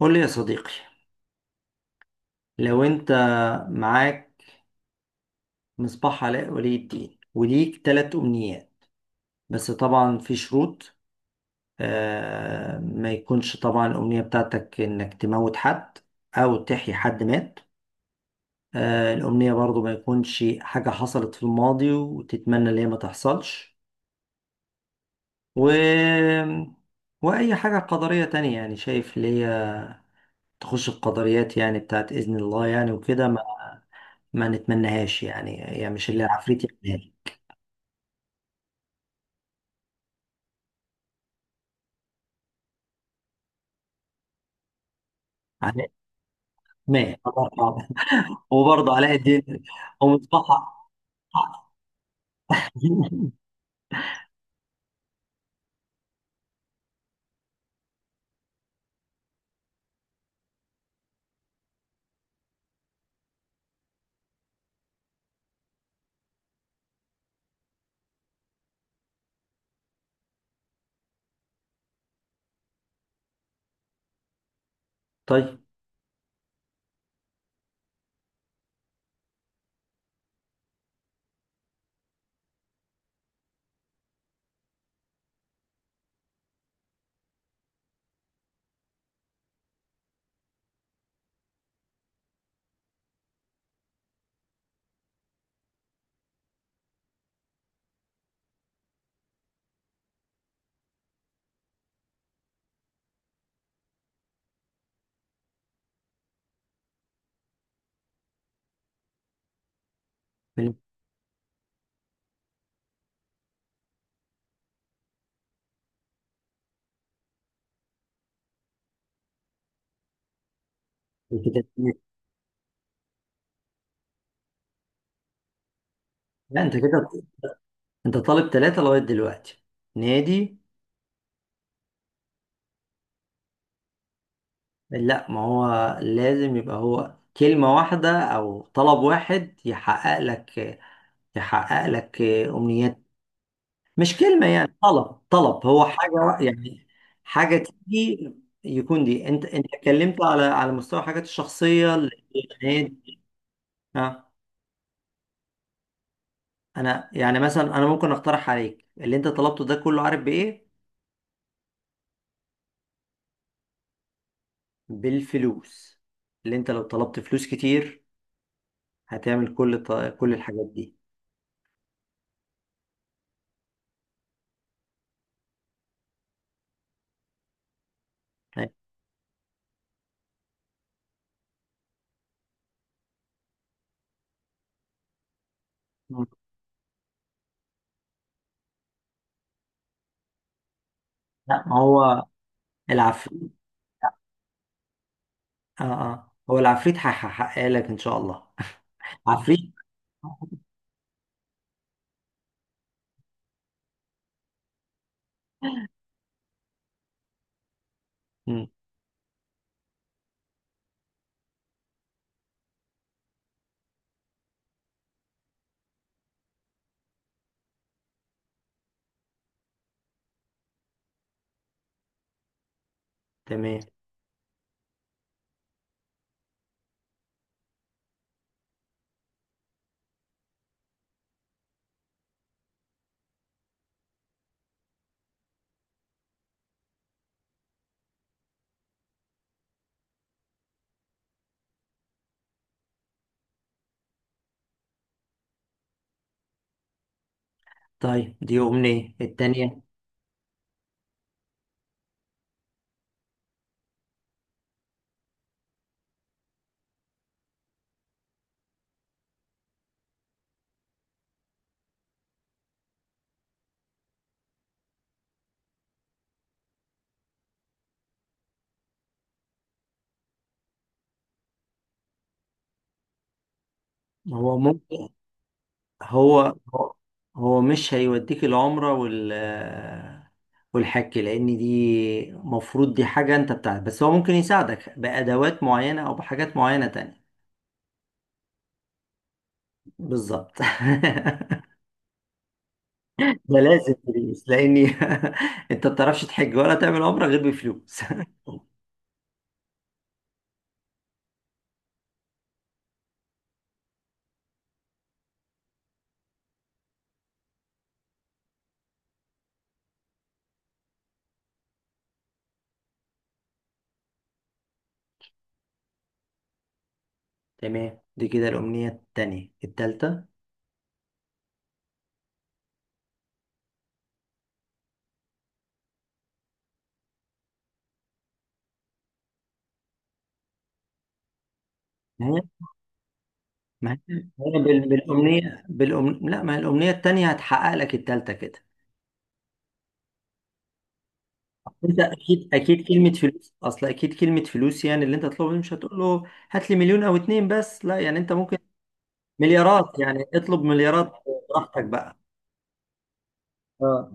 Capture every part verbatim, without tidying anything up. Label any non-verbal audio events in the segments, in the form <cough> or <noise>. قول لي يا صديقي، لو انت معاك مصباح علاء ولي الدين وليك ثلاث امنيات. بس طبعا في شروط. آه ما يكونش طبعا الامنية بتاعتك انك تموت حد او تحيي حد مات. آه الامنية برضو ما يكونش حاجة حصلت في الماضي وتتمنى ان هي ما تحصلش. و... واي حاجة قدرية تانية، يعني شايف اللي هي تخش القدريات، يعني بتاعت اذن الله يعني وكده، ما ما نتمناهاش، يعني هي مش اللي عفريت يعني. علاء ماهر الله يرحمه. وبرضه علاء الدين ومصطفى. <laughs> طيب. من- من كده اتنين. لا انت كده، انت طالب ثلاثة لغاية دلوقتي. نادي؟ لا، ما هو لازم يبقى هو كلمة واحدة أو طلب واحد يحقق لك، يحقق لك أمنيات. مش كلمة، يعني طلب. طلب هو حاجة وا- يعني حاجة تيجي يكون. دي انت، انت اتكلمت على على مستوى حاجات الشخصية، النادي. اه، انا يعني مثلا، انا ممكن اقترح عليك اللي انت طلبته ده كله، عارف بايه؟ بالفلوس. اللي انت لو طلبت فلوس كتير هتعمل كل ط... كل الحاجات دي. طيب. لا، ما هو العفريت، اه اه، هو العفريت هيحقق لك ان شاء الله. <laughs> عفريت. مم. تمام، طيب دي أمنية التانية. هو ممكن، هو هو هو مش هيوديك العمرة وال والحك، لان دي مفروض دي حاجة انت بتاعت. بس هو ممكن يساعدك بأدوات معينة او بحاجات معينة تانية. بالظبط. <laughs> ده لازم فلوس لاني، <laughs> انت ما بتعرفش تحج ولا تعمل عمرة غير بفلوس. <laughs> تمام، دي كده الأمنية التانية. التالتة؟ ما هي، ما هي ما هي بال- بالأمنية بالأم... لا ما هي الأمنية التانية هتحقق لك التالتة كده. أنت أكيد أكيد كلمة فلوس، أصل أكيد كلمة فلوس، يعني اللي أنت تطلبه مش هتقول له هات لي مليون أو اتنين، بس لا يعني أنت ممكن مليارات، يعني اطلب مليارات. براحتك بقى. اه،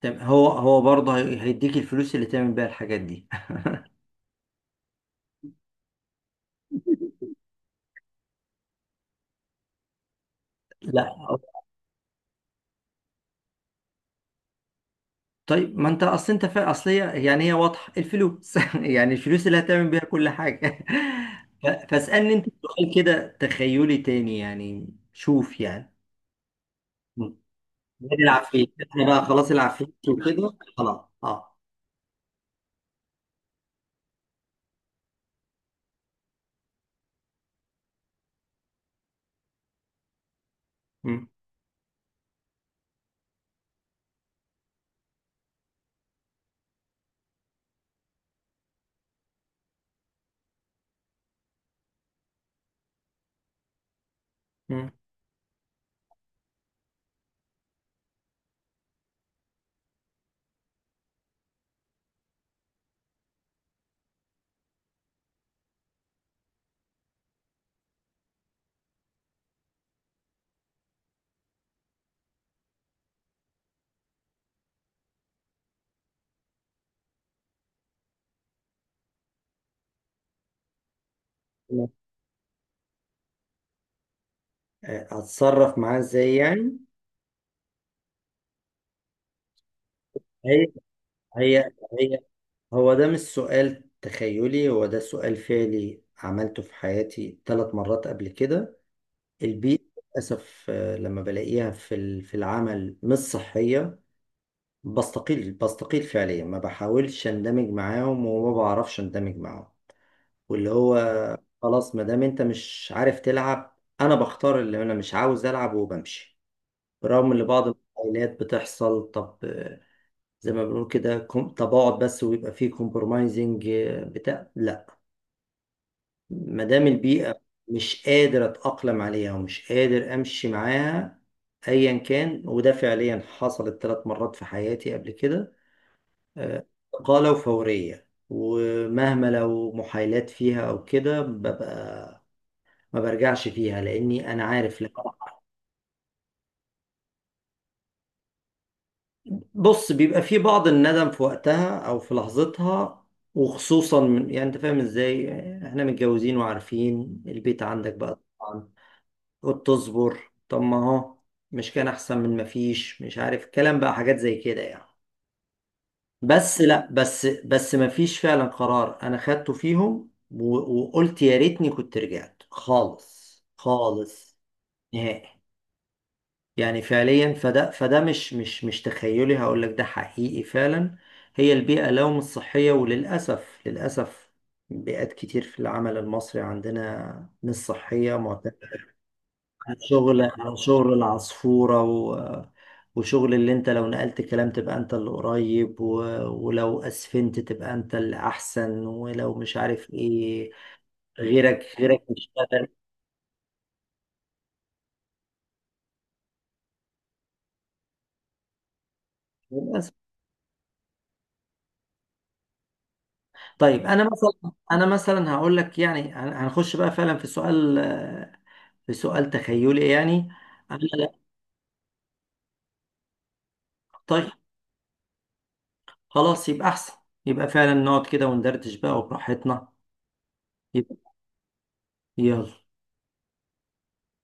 تم- هو هو برضه هي- هيديك الفلوس اللي تعمل بيها الحاجات دي. <laughs> لا. طيب ما انت اصل، انت فا اصل هي يعني هي واضحه، الفلوس. <laughs> يعني الفلوس اللي هتعمل بيها كل حاجه. <laughs> ف- فاسالني انت سؤال كده تخيلي تاني يعني. شوف يعني. مم. غير العفريت، احنا بقى خلاص العفريت وكده خلاص. اه. مم. مم. آه، هتصرف معاه ازاي يعني؟ هي هي هي هو ده مش سؤال تخيلي، هو ده سؤال فعلي عملته في حياتي ثلاث مرات قبل كده. البيئة، للأسف آه، لما بلاقيها في ال- في العمل مش صحية، بستقيل بستقيل فعليا. ما بحاولش اندمج معاهم وما بعرفش اندمج معاهم، واللي هو خلاص ما دام انت مش عارف تلعب، انا بختار اللي انا مش عاوز العب وبمشي. برغم ان بعض المقاولات بتحصل، طب آه، زي ما بنقول كده كوم- تباعد، بس ويبقى فيه كومبرومايزنج بتاع. لا، ما دام البيئة مش قادر أتأقلم عليها ومش قادر أمشي معاها أيا كان. وده فعليا حصلت ثلاث مرات في حياتي قبل كده. آه، إقالة وفورية، ومهما لو محايلات فيها أو كده ببقى ما برجعش فيها، لأني أنا عارف. لا، بص، بيبقى في بعض الندم في وقتها أو في لحظتها، وخصوصا من، يعني أنت فاهم إزاي، إحنا متجوزين وعارفين البيت عندك بقى طبعاً. قلت تصبر، طب ما هو مش كان احسن من ما فيش، مش عارف الكلام بقى حاجات زي كده يعني. بس لا، بس بس ما فيش فعلا قرار انا خدته فيهم و- وقلت يا ريتني كنت رجعت. خالص خالص، نهائي. يعني فعليا، فده فده مش مش مش تخيلي، هقول لك ده حقيقي فعلا. هي البيئة لو مش صحية، وللأسف للأسف بيئات كتير في العمل المصري عندنا مش صحية معتمدة. شغل على شغل العصفورة و... وشغل اللي انت لو نقلت كلام تبقى انت اللي قريب، و... ولو اسفنت تبقى انت اللي احسن، ولو مش عارف ايه، غيرك غيرك مش قادر. طيب انا مثلا، انا مثلا هقول لك يعني، هن- هنخش بقى فعلا في سؤال، في سؤال تخيلي يعني. أنا لا- طيب، خلاص، يبقى احسن. يبقى فعلا نقعد كده وندردش بقى وبراحتنا. يبقى، يلا.